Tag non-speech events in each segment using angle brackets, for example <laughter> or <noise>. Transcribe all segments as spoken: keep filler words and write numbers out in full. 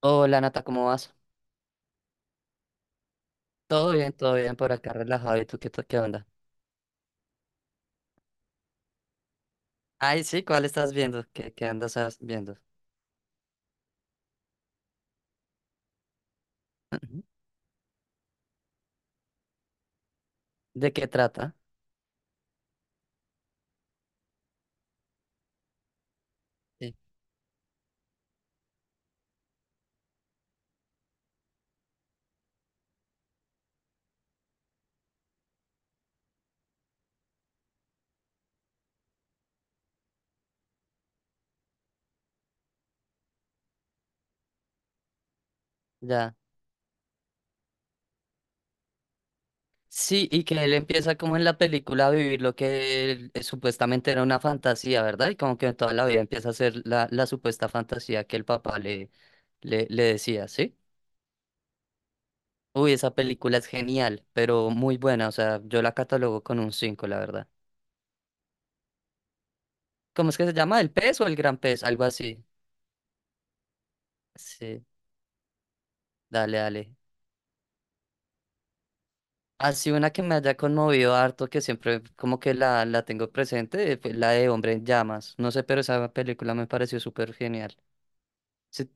Hola Nata, ¿cómo vas? Todo bien, todo bien por acá, relajado. ¿Y tú qué, to- qué onda? Ay, sí, ¿cuál estás viendo? ¿Qué, qué andas as- viendo? Ujú. <clears throat> ¿De qué trata? Sí, ya. Sí, y que él empieza como en la película a vivir lo que él, eh, supuestamente era una fantasía, ¿verdad? Y como que toda la vida empieza a ser la, la supuesta fantasía que el papá le, le, le decía, ¿sí? Uy, esa película es genial, pero muy buena. O sea, yo la catalogo con un cinco, la verdad. ¿Cómo es que se llama? ¿El pez o el gran pez? Algo así. Sí, dale, dale. Así una que me haya conmovido harto, que siempre como que la, la tengo presente, eh, fue la de Hombre en Llamas. No sé, pero esa película me pareció súper genial. Sí,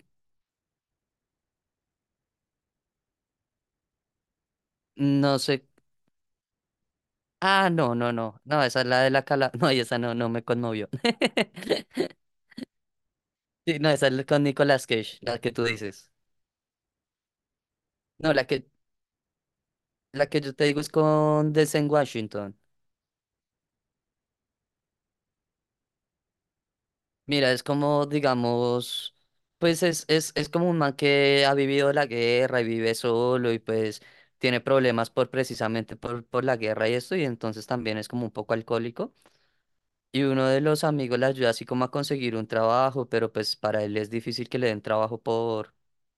no sé. Ah, no, no, no. No, esa es la de la cala. <laughs> No, y esa no, no me conmovió. <laughs> Sí, no, esa es con Nicolas Cage, la que tú dices. No, la que, la que yo te digo es con Denzel Washington. Mira, es como, digamos, pues es, es, es como un man que ha vivido la guerra y vive solo y pues tiene problemas por precisamente por, por la guerra y esto, y entonces también es como un poco alcohólico. Y uno de los amigos le ayuda así como a conseguir un trabajo, pero pues para él es difícil que le den trabajo por,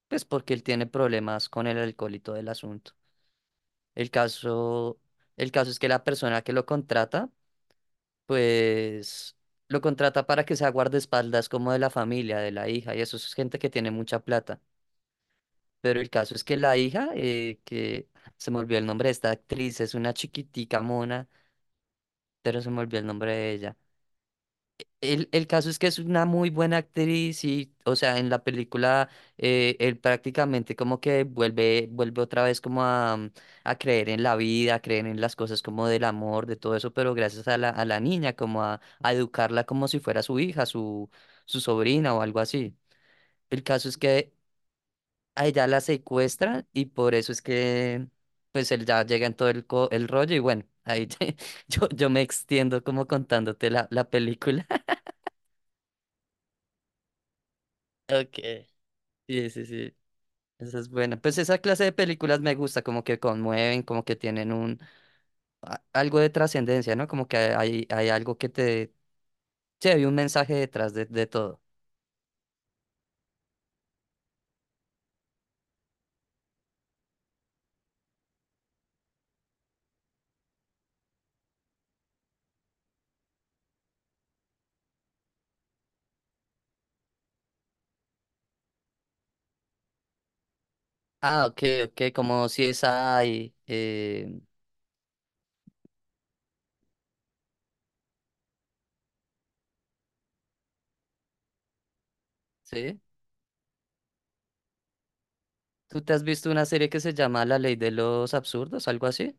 pues porque él tiene problemas con el alcohol y todo el asunto. El caso, el caso es que la persona que lo contrata pues lo contrata para que sea guardaespaldas como de la familia, de la hija, y eso es gente que tiene mucha plata. Pero el caso es que la hija, eh, que se me olvidó el nombre de esta actriz, es una chiquitica mona, pero se me olvidó el nombre de ella. El, el caso es que es una muy buena actriz y, o sea, en la película eh, él prácticamente como que vuelve, vuelve otra vez como a, mm, a creer en la vida, a creer en las cosas como del amor, de todo eso, pero gracias a la, a la niña, como a, a educarla como si fuera su hija, su, su sobrina o algo así. El caso es que a ella la secuestran y por eso es que pues él ya llega en todo el, co- el rollo y bueno, ahí <laughs> yo, yo me extiendo como contándote la, la película. <laughs> Ok. Sí, sí, sí. Esa es buena. Pues esa clase de películas me gusta, como que conmueven, como que tienen un a- algo de trascendencia, ¿no? Como que hay, hay algo que te. Sí, hay un mensaje detrás de, de todo. Ah, ok, ok, como si es ahí. Eh, ¿sí? ¿Tú te has visto una serie que se llama La Ley de los Absurdos, algo así?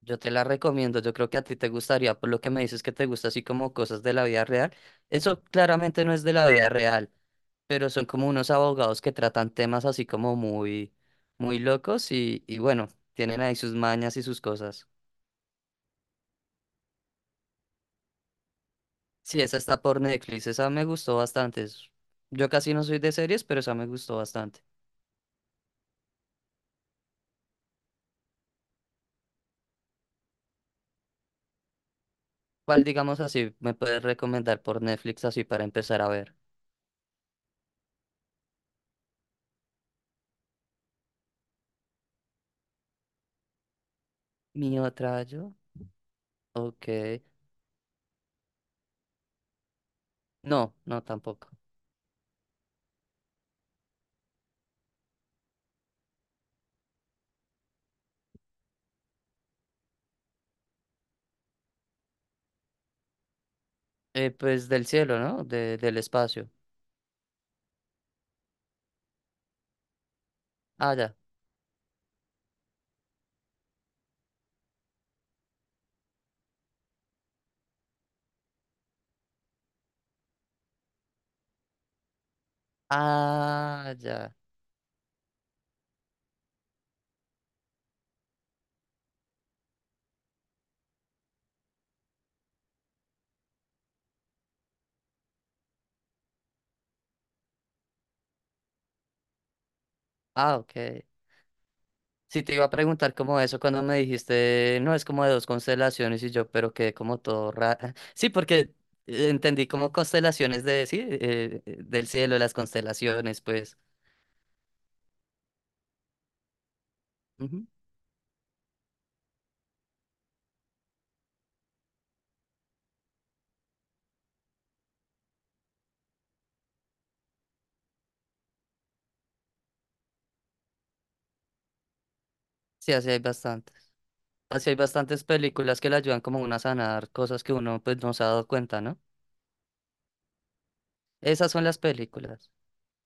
Yo te la recomiendo, yo creo que a ti te gustaría, por lo que me dices que te gusta así como cosas de la vida real. Eso claramente no es de la vida real, pero son como unos abogados que tratan temas así como muy, muy locos y, y bueno, tienen ahí sus mañas y sus cosas. Sí, esa está por Netflix, esa me gustó bastante. es- Yo casi no soy de series, pero esa me gustó bastante. ¿Cuál, digamos así, me puedes recomendar por Netflix así para empezar a ver? ¿Mi otra yo? Ok. No, no tampoco. Eh, pues del cielo, ¿no? De, del espacio. Ah, ya. Ah, ya. Ah, ok. Sí, te iba a preguntar como eso cuando me dijiste, no, es como de dos constelaciones y yo, pero quedé como todo raro. <laughs> Sí, porque eh, entendí como constelaciones de, sí, eh, eh, del cielo, las constelaciones, pues. Ujú. Sí, así hay bastantes. Así hay bastantes películas que le ayudan como uno a sanar cosas que uno pues no se ha dado cuenta, ¿no? Esas son las películas.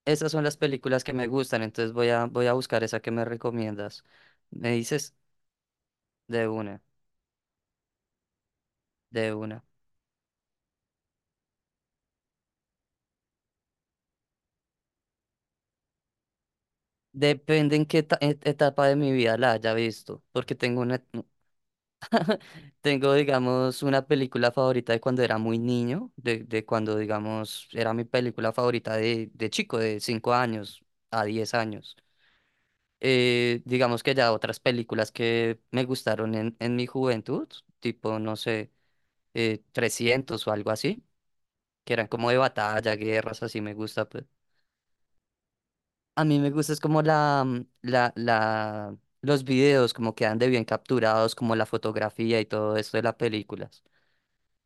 Esas son las películas que me gustan, entonces voy a, voy a buscar esa que me recomiendas. Me dices de una, de una. Depende en qué eta- et- etapa de mi vida la haya visto, porque tengo una, tengo, digamos, una película favorita de cuando era muy niño, de, de cuando, digamos, era mi película favorita de, de chico, de cinco años a diez años. Eh, digamos que ya otras películas que me gustaron en, en mi juventud, tipo, no sé, eh, trescientos o algo así, que eran como de batalla, guerras, así me gusta, pues. A mí me gusta es como la, mm, la, la, los videos como quedan de bien capturados, como la fotografía y todo esto de las películas.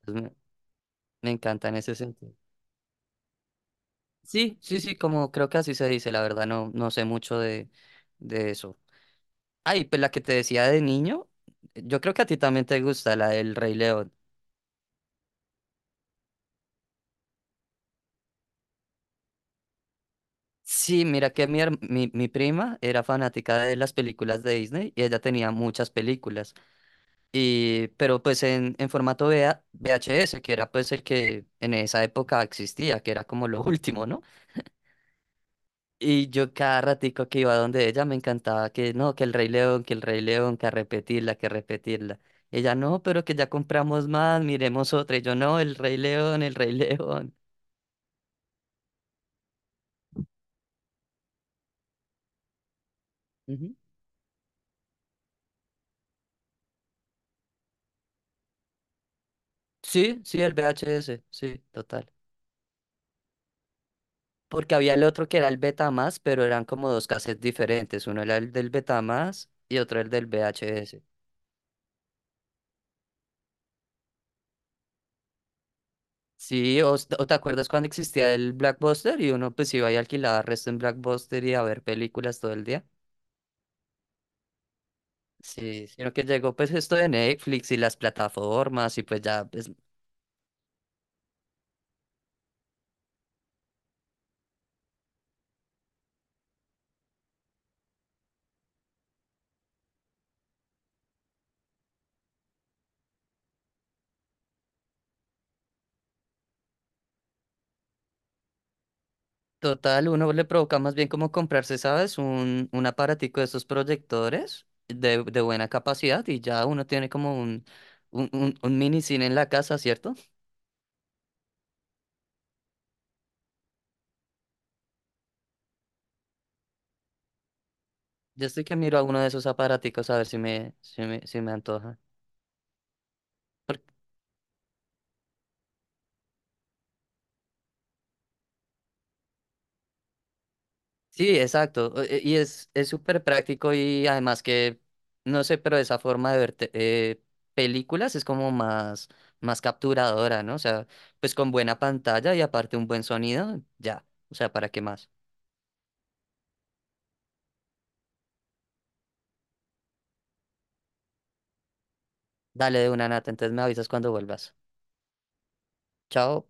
Entonces, me, me encanta en ese sentido. Sí, sí, sí, como creo que así se dice, la verdad no, no sé mucho de, de eso. Ay, pues la que te decía de niño, yo creo que a ti también te gusta, la del Rey León. Sí, mira que mi, herm- mi, mi prima era fanática de las películas de Disney y ella tenía muchas películas. Y, pero pues en, en formato V V A V H V H S, que era pues el que en esa época existía, que era como lo <laughs> último, ¿no? Y yo cada ratico que iba donde ella me encantaba que no, que el Rey León, que el Rey León, que a repetirla, que a repetirla. Ella no, pero que ya compramos más, miremos otra. Y yo no, el Rey León, el Rey <laughs> León. Ujú. Sí, sí, el V H V H S, sí, total. Porque había el otro que era el Betamax, pero eran como dos cassettes diferentes. Uno era el del Betamax y otro el del V H V H S. Sí, o, s- o te acuerdas cuando existía el Blackbuster y uno pues iba y alquilaba resto en Blackbuster y a ver películas todo el día. Sí, sino que llegó pues esto de Netflix y las plataformas y pues ya, pues total, uno le provoca más bien como comprarse, ¿sabes? Un, un aparatico de esos proyectores de, de buena capacidad y ya uno tiene como un, un, un, un, mini cine en la casa, ¿cierto? Yo estoy que miro a uno de esos aparaticos a ver si me, si me, si me antoja. Sí, exacto. e- e, Y es es súper práctico y además que, no sé, pero esa forma de ver te- eh, películas es como más, más capturadora, ¿no? O sea, pues con buena pantalla y aparte un buen sonido, ya. O sea, ¿para qué más? Dale de una Nata, entonces me avisas cuando vuelvas. Chao.